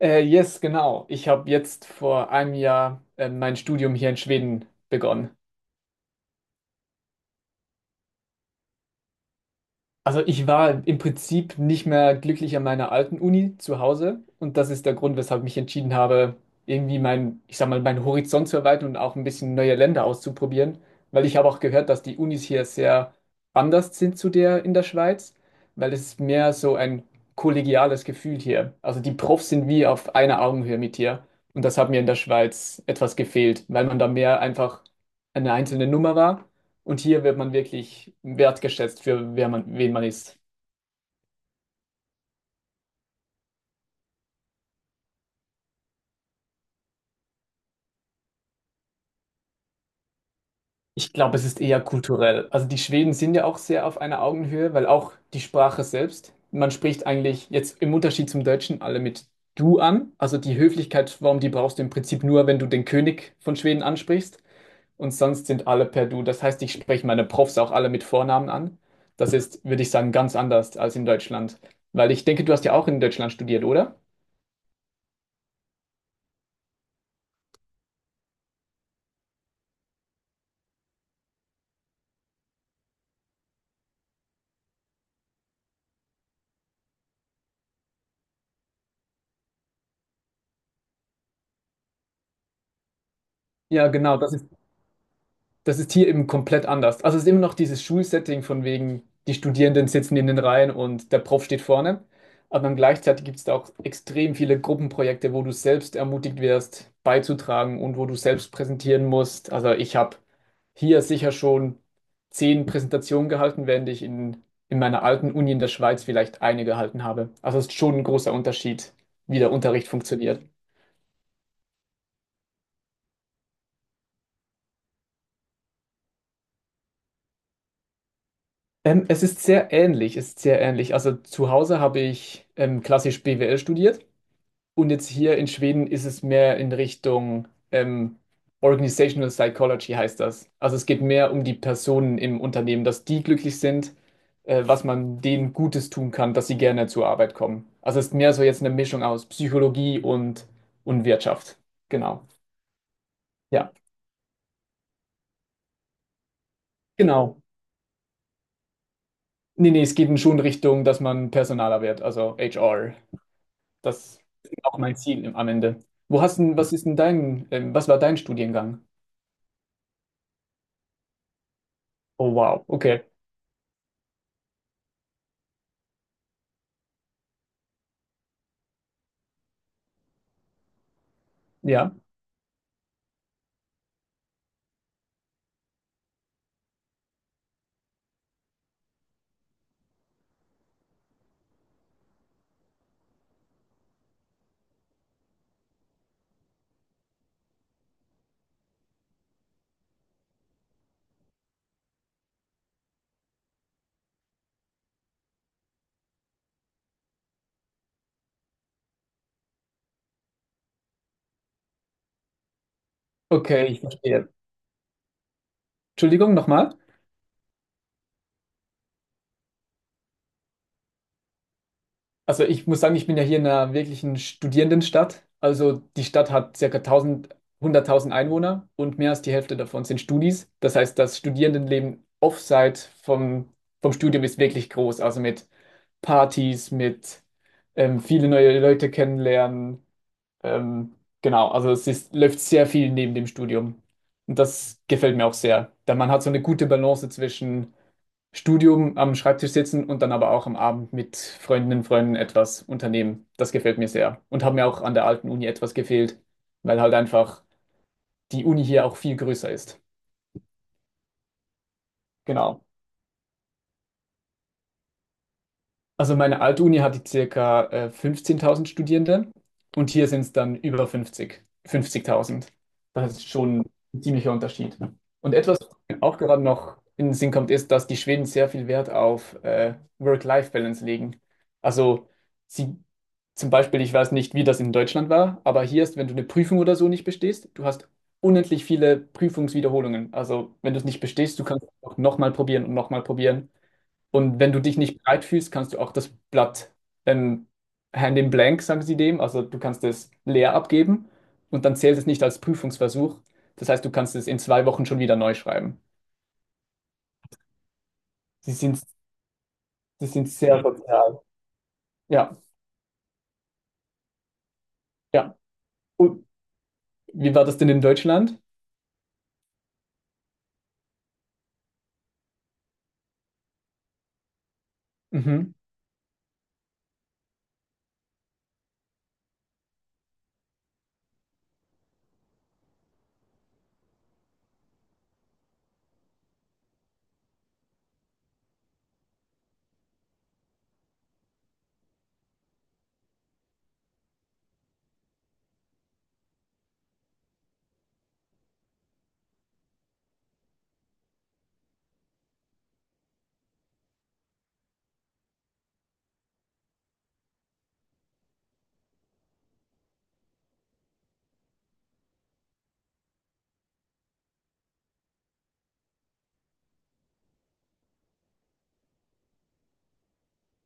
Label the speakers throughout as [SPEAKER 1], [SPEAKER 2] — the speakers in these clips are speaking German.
[SPEAKER 1] Yes, genau. Ich habe jetzt vor einem Jahr mein Studium hier in Schweden begonnen. Also ich war im Prinzip nicht mehr glücklich an meiner alten Uni zu Hause und das ist der Grund, weshalb ich mich entschieden habe, irgendwie ich sag mal, meinen Horizont zu erweitern und auch ein bisschen neue Länder auszuprobieren, weil ich habe auch gehört, dass die Unis hier sehr anders sind zu der in der Schweiz, weil es ist mehr so ein kollegiales Gefühl hier. Also die Profs sind wie auf einer Augenhöhe mit dir und das hat mir in der Schweiz etwas gefehlt, weil man da mehr einfach eine einzelne Nummer war und hier wird man wirklich wertgeschätzt für wer man, wen man ist. Ich glaube, es ist eher kulturell. Also die Schweden sind ja auch sehr auf einer Augenhöhe, weil auch die Sprache selbst, man spricht eigentlich jetzt im Unterschied zum Deutschen alle mit du an. Also die Höflichkeitsform, die brauchst du im Prinzip nur, wenn du den König von Schweden ansprichst. Und sonst sind alle per du. Das heißt, ich spreche meine Profs auch alle mit Vornamen an. Das ist, würde ich sagen, ganz anders als in Deutschland. Weil ich denke, du hast ja auch in Deutschland studiert, oder? Ja, genau. Das ist hier eben komplett anders. Also es ist immer noch dieses Schulsetting von wegen, die Studierenden sitzen in den Reihen und der Prof steht vorne. Aber dann gleichzeitig gibt es da auch extrem viele Gruppenprojekte, wo du selbst ermutigt wirst, beizutragen und wo du selbst präsentieren musst. Also ich habe hier sicher schon 10 Präsentationen gehalten, während ich in meiner alten Uni in der Schweiz vielleicht eine gehalten habe. Also es ist schon ein großer Unterschied, wie der Unterricht funktioniert. Es ist sehr ähnlich, es ist sehr ähnlich. Also zu Hause habe ich klassisch BWL studiert und jetzt hier in Schweden ist es mehr in Richtung Organizational Psychology heißt das. Also es geht mehr um die Personen im Unternehmen, dass die glücklich sind, was man denen Gutes tun kann, dass sie gerne zur Arbeit kommen. Also es ist mehr so jetzt eine Mischung aus Psychologie und Wirtschaft. Genau. Ja, genau. Nee, nee, es geht schon Richtung, dass man personaler wird, also HR. Das ist auch mein Ziel am Ende. Wo hast denn, was ist denn was war dein Studiengang? Oh wow, okay. Ja, okay, ich verstehe. Entschuldigung, nochmal. Also ich muss sagen, ich bin ja hier in einer wirklichen Studierendenstadt. Also die Stadt hat circa 1000, 100.000 Einwohner und mehr als die Hälfte davon sind Studis. Das heißt, das Studierendenleben offside vom Studium ist wirklich groß. Also mit Partys, mit viele neue Leute kennenlernen. Ähm, genau, also es ist, läuft sehr viel neben dem Studium. Und das gefällt mir auch sehr. Denn man hat so eine gute Balance zwischen Studium am Schreibtisch sitzen und dann aber auch am Abend mit Freundinnen und Freunden etwas unternehmen. Das gefällt mir sehr. Und hat mir auch an der alten Uni etwas gefehlt, weil halt einfach die Uni hier auch viel größer ist. Genau. Also meine alte Uni hatte circa 15.000 Studierende und hier sind es dann über 50, 50.000. Das ist schon ein ziemlicher Unterschied. Und etwas, was mir auch gerade noch in den Sinn kommt, ist, dass die Schweden sehr viel Wert auf Work-Life-Balance legen. Also sie zum Beispiel, ich weiß nicht, wie das in Deutschland war, aber hier ist, wenn du eine Prüfung oder so nicht bestehst, du hast unendlich viele Prüfungswiederholungen. Also wenn du es nicht bestehst, du kannst es auch nochmal probieren. Und wenn du dich nicht bereit fühlst, kannst du auch das Blatt ähm, hand in blank, sagen sie dem, also du kannst es leer abgeben und dann zählt es nicht als Prüfungsversuch. Das heißt, du kannst es in 2 Wochen schon wieder neu schreiben. Sie sind, sie sind sehr, mhm, sozial. Ja, ja. Und wie war das denn in Deutschland? Mhm.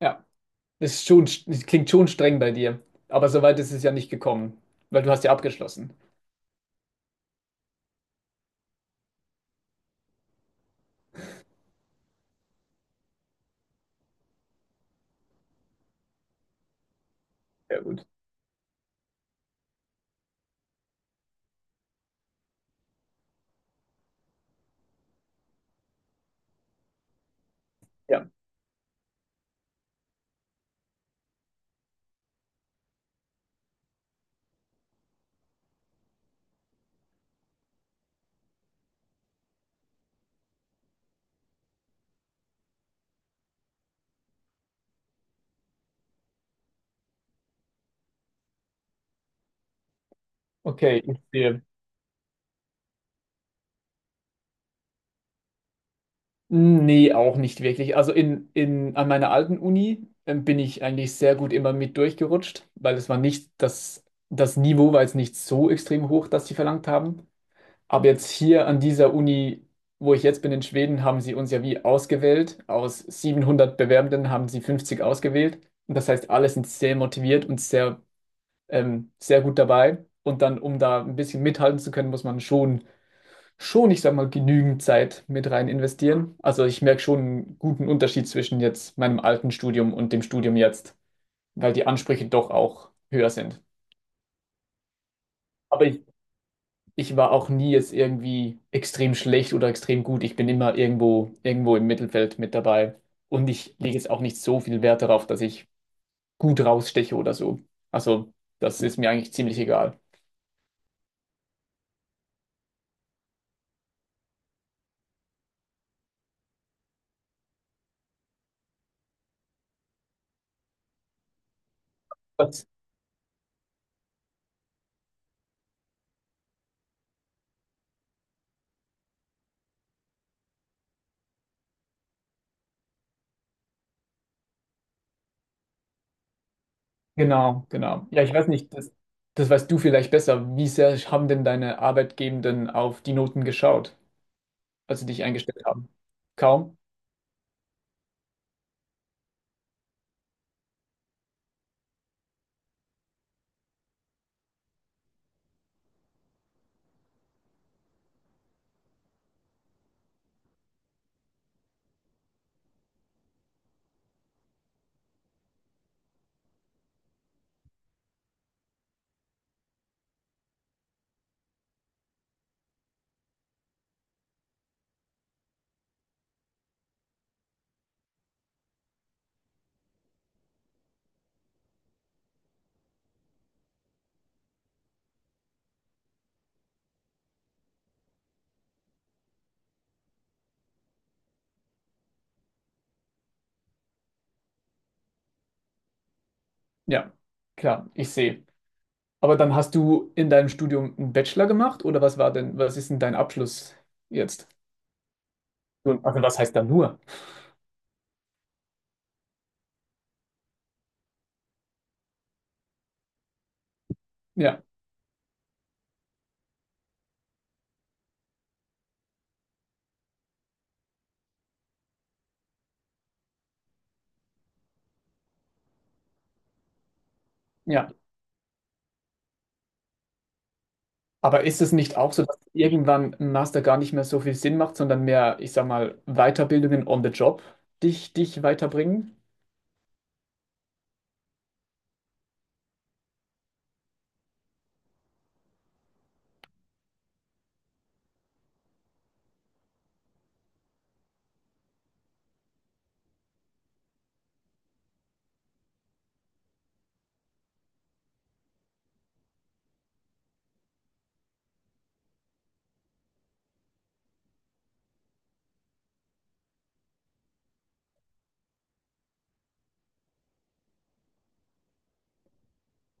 [SPEAKER 1] Ja, das ist schon, das klingt schon streng bei dir, aber soweit ist es ja nicht gekommen, weil du hast ja abgeschlossen. Sehr gut. Ja, okay, ich sehe. Nee, auch nicht wirklich. Also an meiner alten Uni bin ich eigentlich sehr gut immer mit durchgerutscht, weil es war nicht das Niveau war jetzt nicht so extrem hoch, dass sie verlangt haben. Aber jetzt hier an dieser Uni, wo ich jetzt bin in Schweden, haben sie uns ja wie ausgewählt. Aus 700 Bewerbenden haben sie 50 ausgewählt. Und das heißt, alle sind sehr motiviert und sehr, sehr gut dabei. Und dann, um da ein bisschen mithalten zu können, muss man schon, ich sag mal, genügend Zeit mit rein investieren. Also ich merke schon einen guten Unterschied zwischen jetzt meinem alten Studium und dem Studium jetzt, weil die Ansprüche doch auch höher sind. Aber ich war auch nie jetzt irgendwie extrem schlecht oder extrem gut. Ich bin immer irgendwo, irgendwo im Mittelfeld mit dabei. Und ich lege jetzt auch nicht so viel Wert darauf, dass ich gut raussteche oder so. Also das ist mir eigentlich ziemlich egal. Genau, genau. Ja, ich weiß nicht, das weißt du vielleicht besser. Wie sehr haben denn deine Arbeitgebenden auf die Noten geschaut, als sie dich eingestellt haben? Kaum? Ja, klar, ich sehe. Aber dann hast du in deinem Studium einen Bachelor gemacht oder was war denn, was ist denn dein Abschluss jetzt? Nun, also was heißt da nur? Ja, ja. Aber ist es nicht auch so, dass irgendwann ein Master gar nicht mehr so viel Sinn macht, sondern mehr, ich sag mal, Weiterbildungen on the job dich weiterbringen?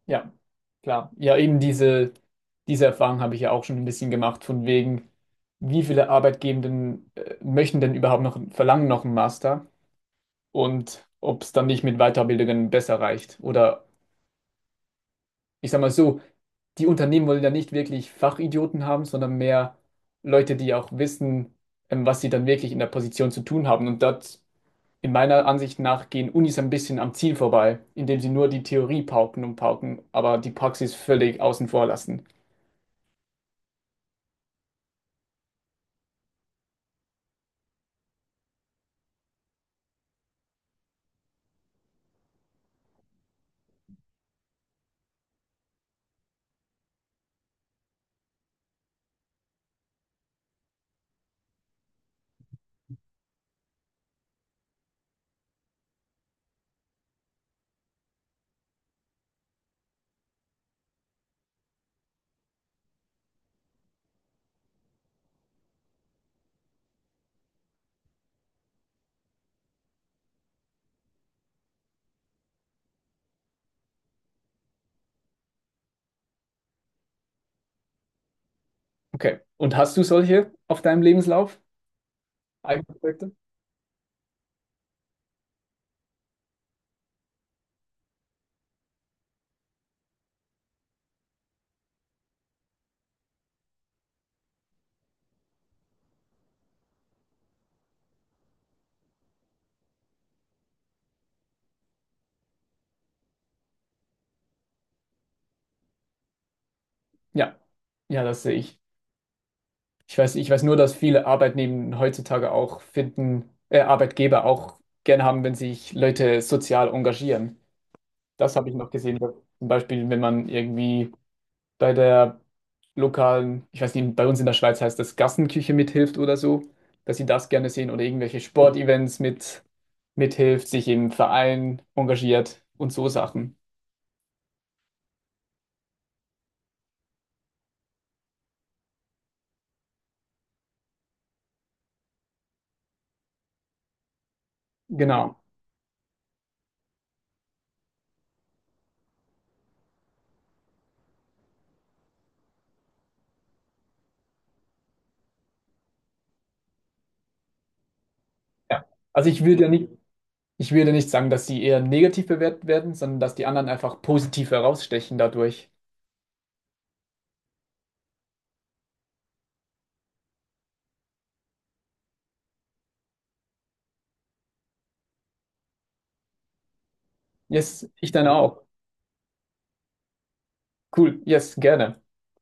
[SPEAKER 1] Ja, klar. Ja, eben diese Erfahrung habe ich ja auch schon ein bisschen gemacht, von wegen, wie viele Arbeitgebenden möchten denn überhaupt noch, verlangen noch einen Master und ob es dann nicht mit Weiterbildungen besser reicht. Oder ich sage mal so, die Unternehmen wollen ja nicht wirklich Fachidioten haben, sondern mehr Leute, die auch wissen, was sie dann wirklich in der Position zu tun haben. Und das, in meiner Ansicht nach, gehen Unis ein bisschen am Ziel vorbei, indem sie nur die Theorie pauken und pauken, aber die Praxis völlig außen vor lassen. Okay. Und hast du solche auf deinem Lebenslauf? Eigenprojekte? Ja. Ja, das sehe ich. Ich weiß nur, dass viele Arbeitnehmer heutzutage auch finden, Arbeitgeber auch gern haben, wenn sich Leute sozial engagieren. Das habe ich noch gesehen. Zum Beispiel, wenn man irgendwie bei der lokalen, ich weiß nicht, bei uns in der Schweiz heißt das Gassenküche mithilft oder so, dass sie das gerne sehen oder irgendwelche Sportevents mithilft, sich im Verein engagiert und so Sachen. Genau. Ja. Also ich will ja nicht sagen, dass sie eher negativ bewertet werden, sondern dass die anderen einfach positiv herausstechen dadurch. Yes, ich dann auch. Cool, yes, gerne.